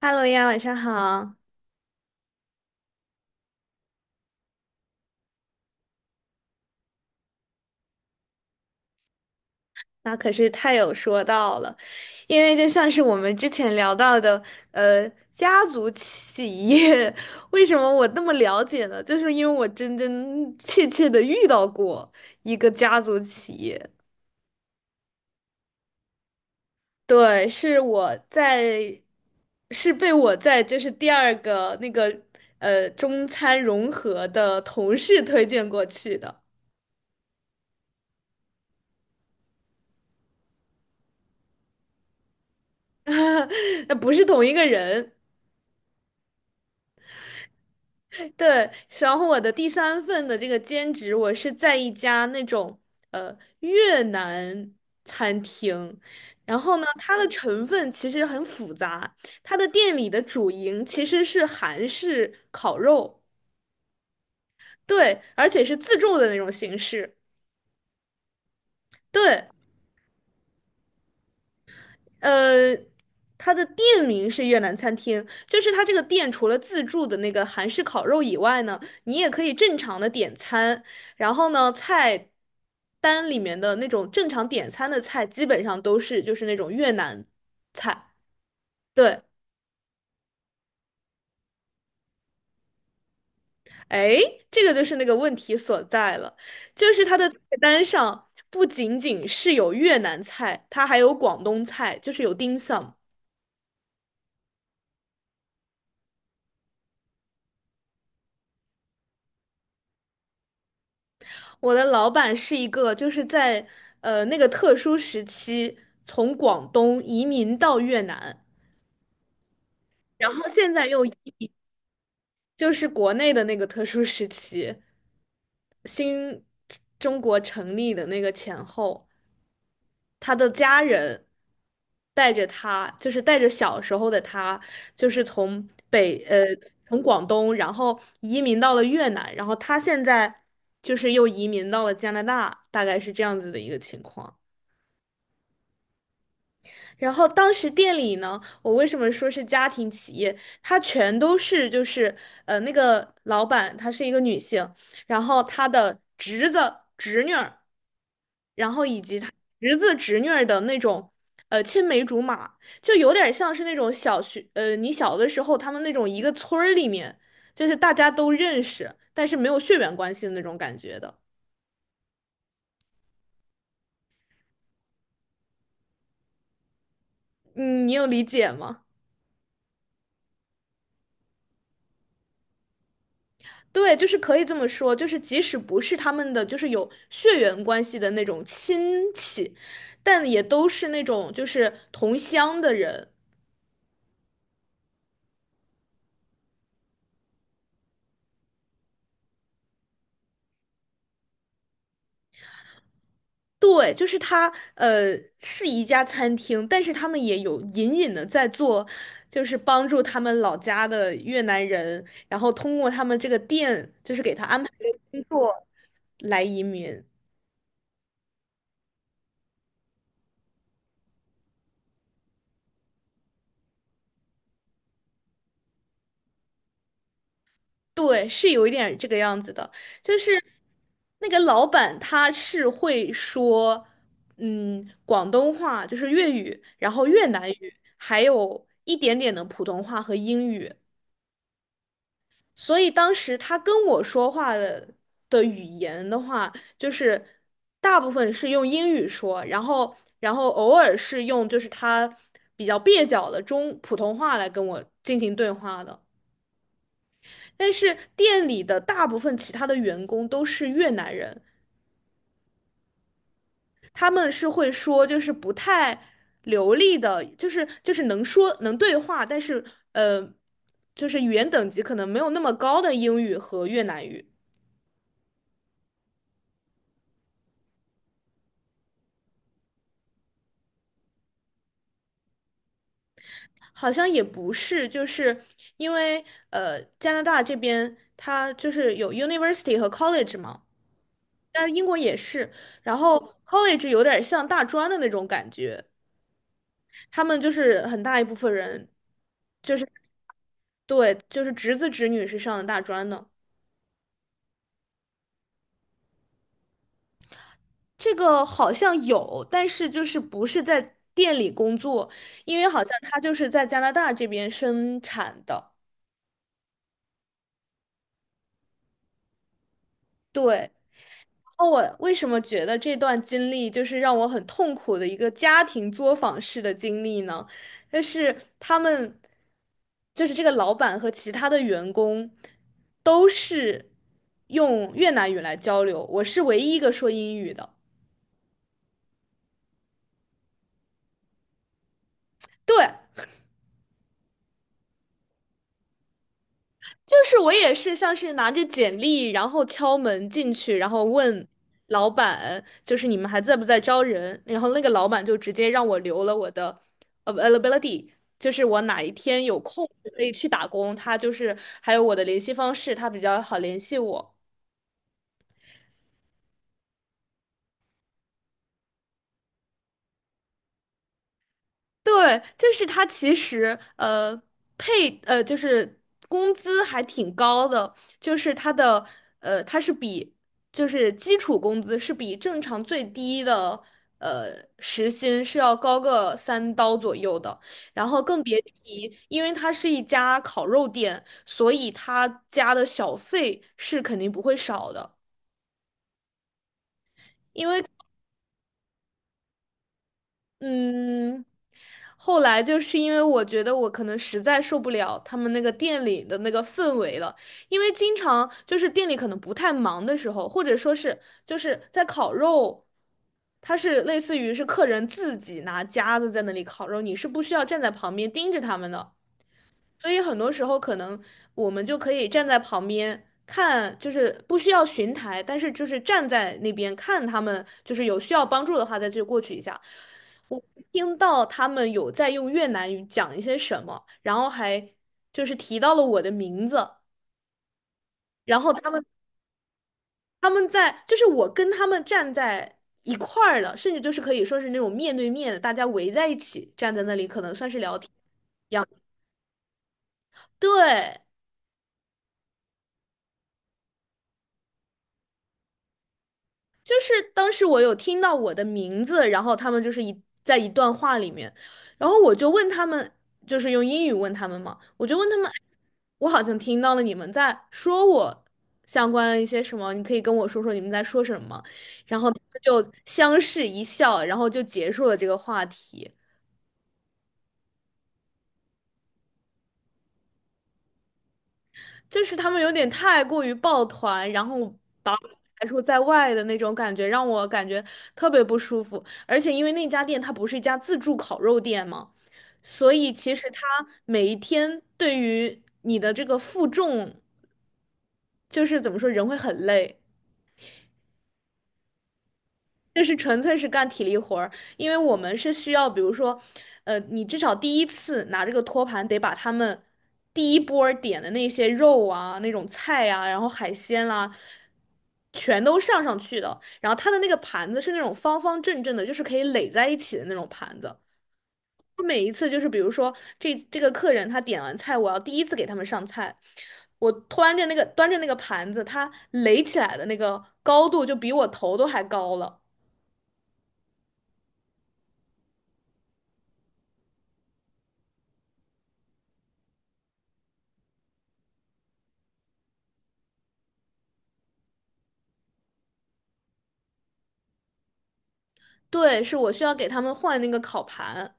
Hello 呀，晚上好。那可是太有说到了，因为就像是我们之前聊到的，家族企业，为什么我那么了解呢？就是因为我真真切切的遇到过一个家族企业。对，是我在，是被我在就是第二个那个中餐融合的同事推荐过去的。那不是同一个人。对，然后我的第三份的这个兼职，我是在一家那种越南餐厅。然后呢，它的成分其实很复杂，它的店里的主营其实是韩式烤肉。对，而且是自助的那种形式。对，呃，它的店名是越南餐厅，就是它这个店除了自助的那个韩式烤肉以外呢，你也可以正常的点餐。然后呢，菜单里面的那种正常点餐的菜，基本上都是就是那种越南菜。对，哎，这个就是那个问题所在了，就是它的菜单上不仅仅是有越南菜，它还有广东菜，就是有 dim sum。我的老板是一个，就是在那个特殊时期从广东移民到越南，然后现在又移就是国内的那个特殊时期，新中国成立的那个前后，他的家人带着他，就是带着小时候的他，就是从北呃从广东，然后移民到了越南，然后他现在就是又移民到了加拿大，大概是这样子的一个情况。然后当时店里呢，我为什么说是家庭企业？它全都是就是那个老板她是一个女性，然后她的侄子、侄女儿，然后以及她侄子、侄女儿的那种青梅竹马，就有点像是那种你小的时候他们那种一个村儿里面，就是大家都认识，但是没有血缘关系的那种感觉的。嗯，你有理解吗？对，就是可以这么说，就是即使不是他们的，就是有血缘关系的那种亲戚，但也都是那种就是同乡的人。对，就是他，呃，是一家餐厅，但是他们也有隐隐的在做，就是帮助他们老家的越南人，然后通过他们这个店，就是给他安排来移民。对，是有一点这个样子的，就是那个老板他是会说，嗯，广东话就是粤语，然后越南语，还有一点点的普通话和英语，所以当时他跟我说话的的语言的话，就是大部分是用英语说，然后偶尔是用就是他比较蹩脚的中普通话来跟我进行对话的。但是店里的大部分其他的员工都是越南人，他们是会说就是不太流利的，就是能说能对话，但是呃，就是语言等级可能没有那么高的英语和越南语。好像也不是，就是因为加拿大这边它就是有 university 和 college 嘛，但英国也是，然后 college 有点像大专的那种感觉。他们就是很大一部分人，就是对，就是侄子侄女是上的大专的。这个好像有，但是就是不是在店里工作，因为好像他就是在加拿大这边生产的。对。那我为什么觉得这段经历就是让我很痛苦的一个家庭作坊式的经历呢？就是他们，就是这个老板和其他的员工都是用越南语来交流，我是唯一一个说英语的。对，就是我也是像是拿着简历，然后敲门进去，然后问老板，就是你们还在不在招人？然后那个老板就直接让我留了我的 availability，就是我哪一天有空可以去打工，他就是还有我的联系方式，他比较好联系我。对，就是他其实呃配呃就是工资还挺高的，就是他的呃他是比就是基础工资是比正常最低的呃时薪是要高个三刀左右的。然后更别提，因为它是一家烤肉店，所以他加的小费是肯定不会少的。因为嗯，后来就是因为我觉得我可能实在受不了他们那个店里的那个氛围了，因为经常就是店里可能不太忙的时候，或者说是就是在烤肉，它是类似于是客人自己拿夹子在那里烤肉，你是不需要站在旁边盯着他们的。所以很多时候可能我们就可以站在旁边看，就是不需要巡台，但是就是站在那边看他们，就是有需要帮助的话再去过去一下。我听到他们有在用越南语讲一些什么，然后还就是提到了我的名字。然后他们在就是我跟他们站在一块儿的，甚至就是可以说是那种面对面的，大家围在一起站在那里，可能算是聊天一样。对。就是当时我有听到我的名字，然后他们就是一在一段话里面，然后我就问他们，就是用英语问他们嘛，我就问他们，我好像听到了你们在说我相关一些什么，你可以跟我说说你们在说什么吗？然后他们就相视一笑，然后就结束了这个话题。就是他们有点太过于抱团，然后排除在外的那种感觉，让我感觉特别不舒服。而且因为那家店它不是一家自助烤肉店嘛，所以其实它每一天对于你的这个负重，就是怎么说，人会很累。这是纯粹是干体力活儿，因为我们是需要,比如说,你至少第一次拿这个托盘得把他们第一波儿点的那些肉啊、那种菜啊，然后海鲜啦、全都上上去的。然后它的那个盘子是那种方方正正的，就是可以垒在一起的那种盘子。我每一次就是比如说这个客人他点完菜，我要第一次给他们上菜，我端着那个端着那个盘子，它垒起来的那个高度就比我头都还高了。对，是我需要给他们换那个烤盘。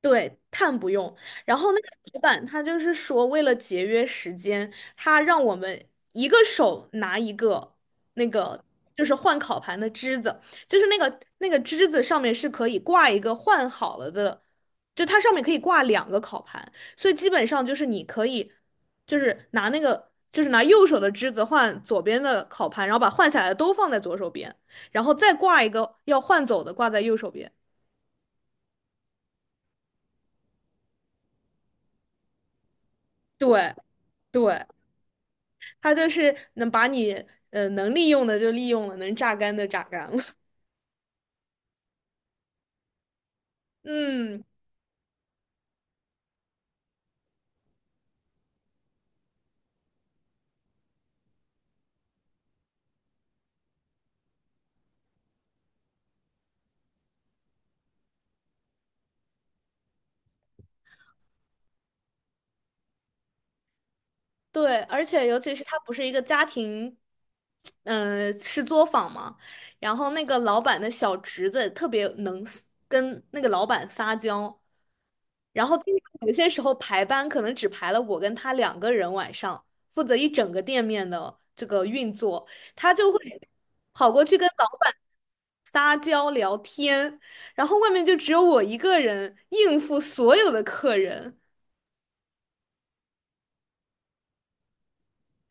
对，碳不用。然后那个老板他就是说，为了节约时间，他让我们一个手拿一个那个就是换烤盘的枝子，就是那个枝子上面是可以挂一个换好了的，就它上面可以挂两个烤盘，所以基本上就是你可以就是拿那个就是拿右手的枝子换左边的烤盘，然后把换下来的都放在左手边，然后再挂一个要换走的挂在右手边。对对。他就是能把你能利用的就利用了，能榨干的榨干了。嗯，对，而且尤其是他不是一个家庭，嗯、是作坊嘛，然后那个老板的小侄子特别能撒跟那个老板撒娇，然后经常有些时候排班可能只排了我跟他两个人晚上，负责一整个店面的这个运作，他就会跑过去跟老板撒娇聊天，然后外面就只有我一个人应付所有的客人。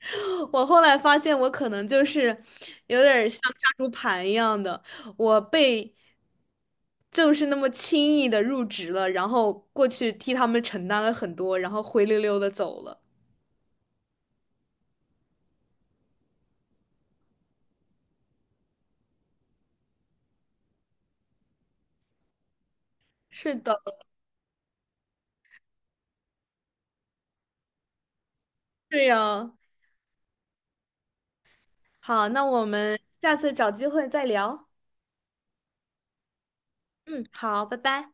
我后来发现，我可能就是有点儿像杀猪盘一样的，我被就是那么轻易的入职了，然后过去替他们承担了很多，然后灰溜溜的走了。是的，是呀。好，那我们下次找机会再聊。嗯，好，拜拜。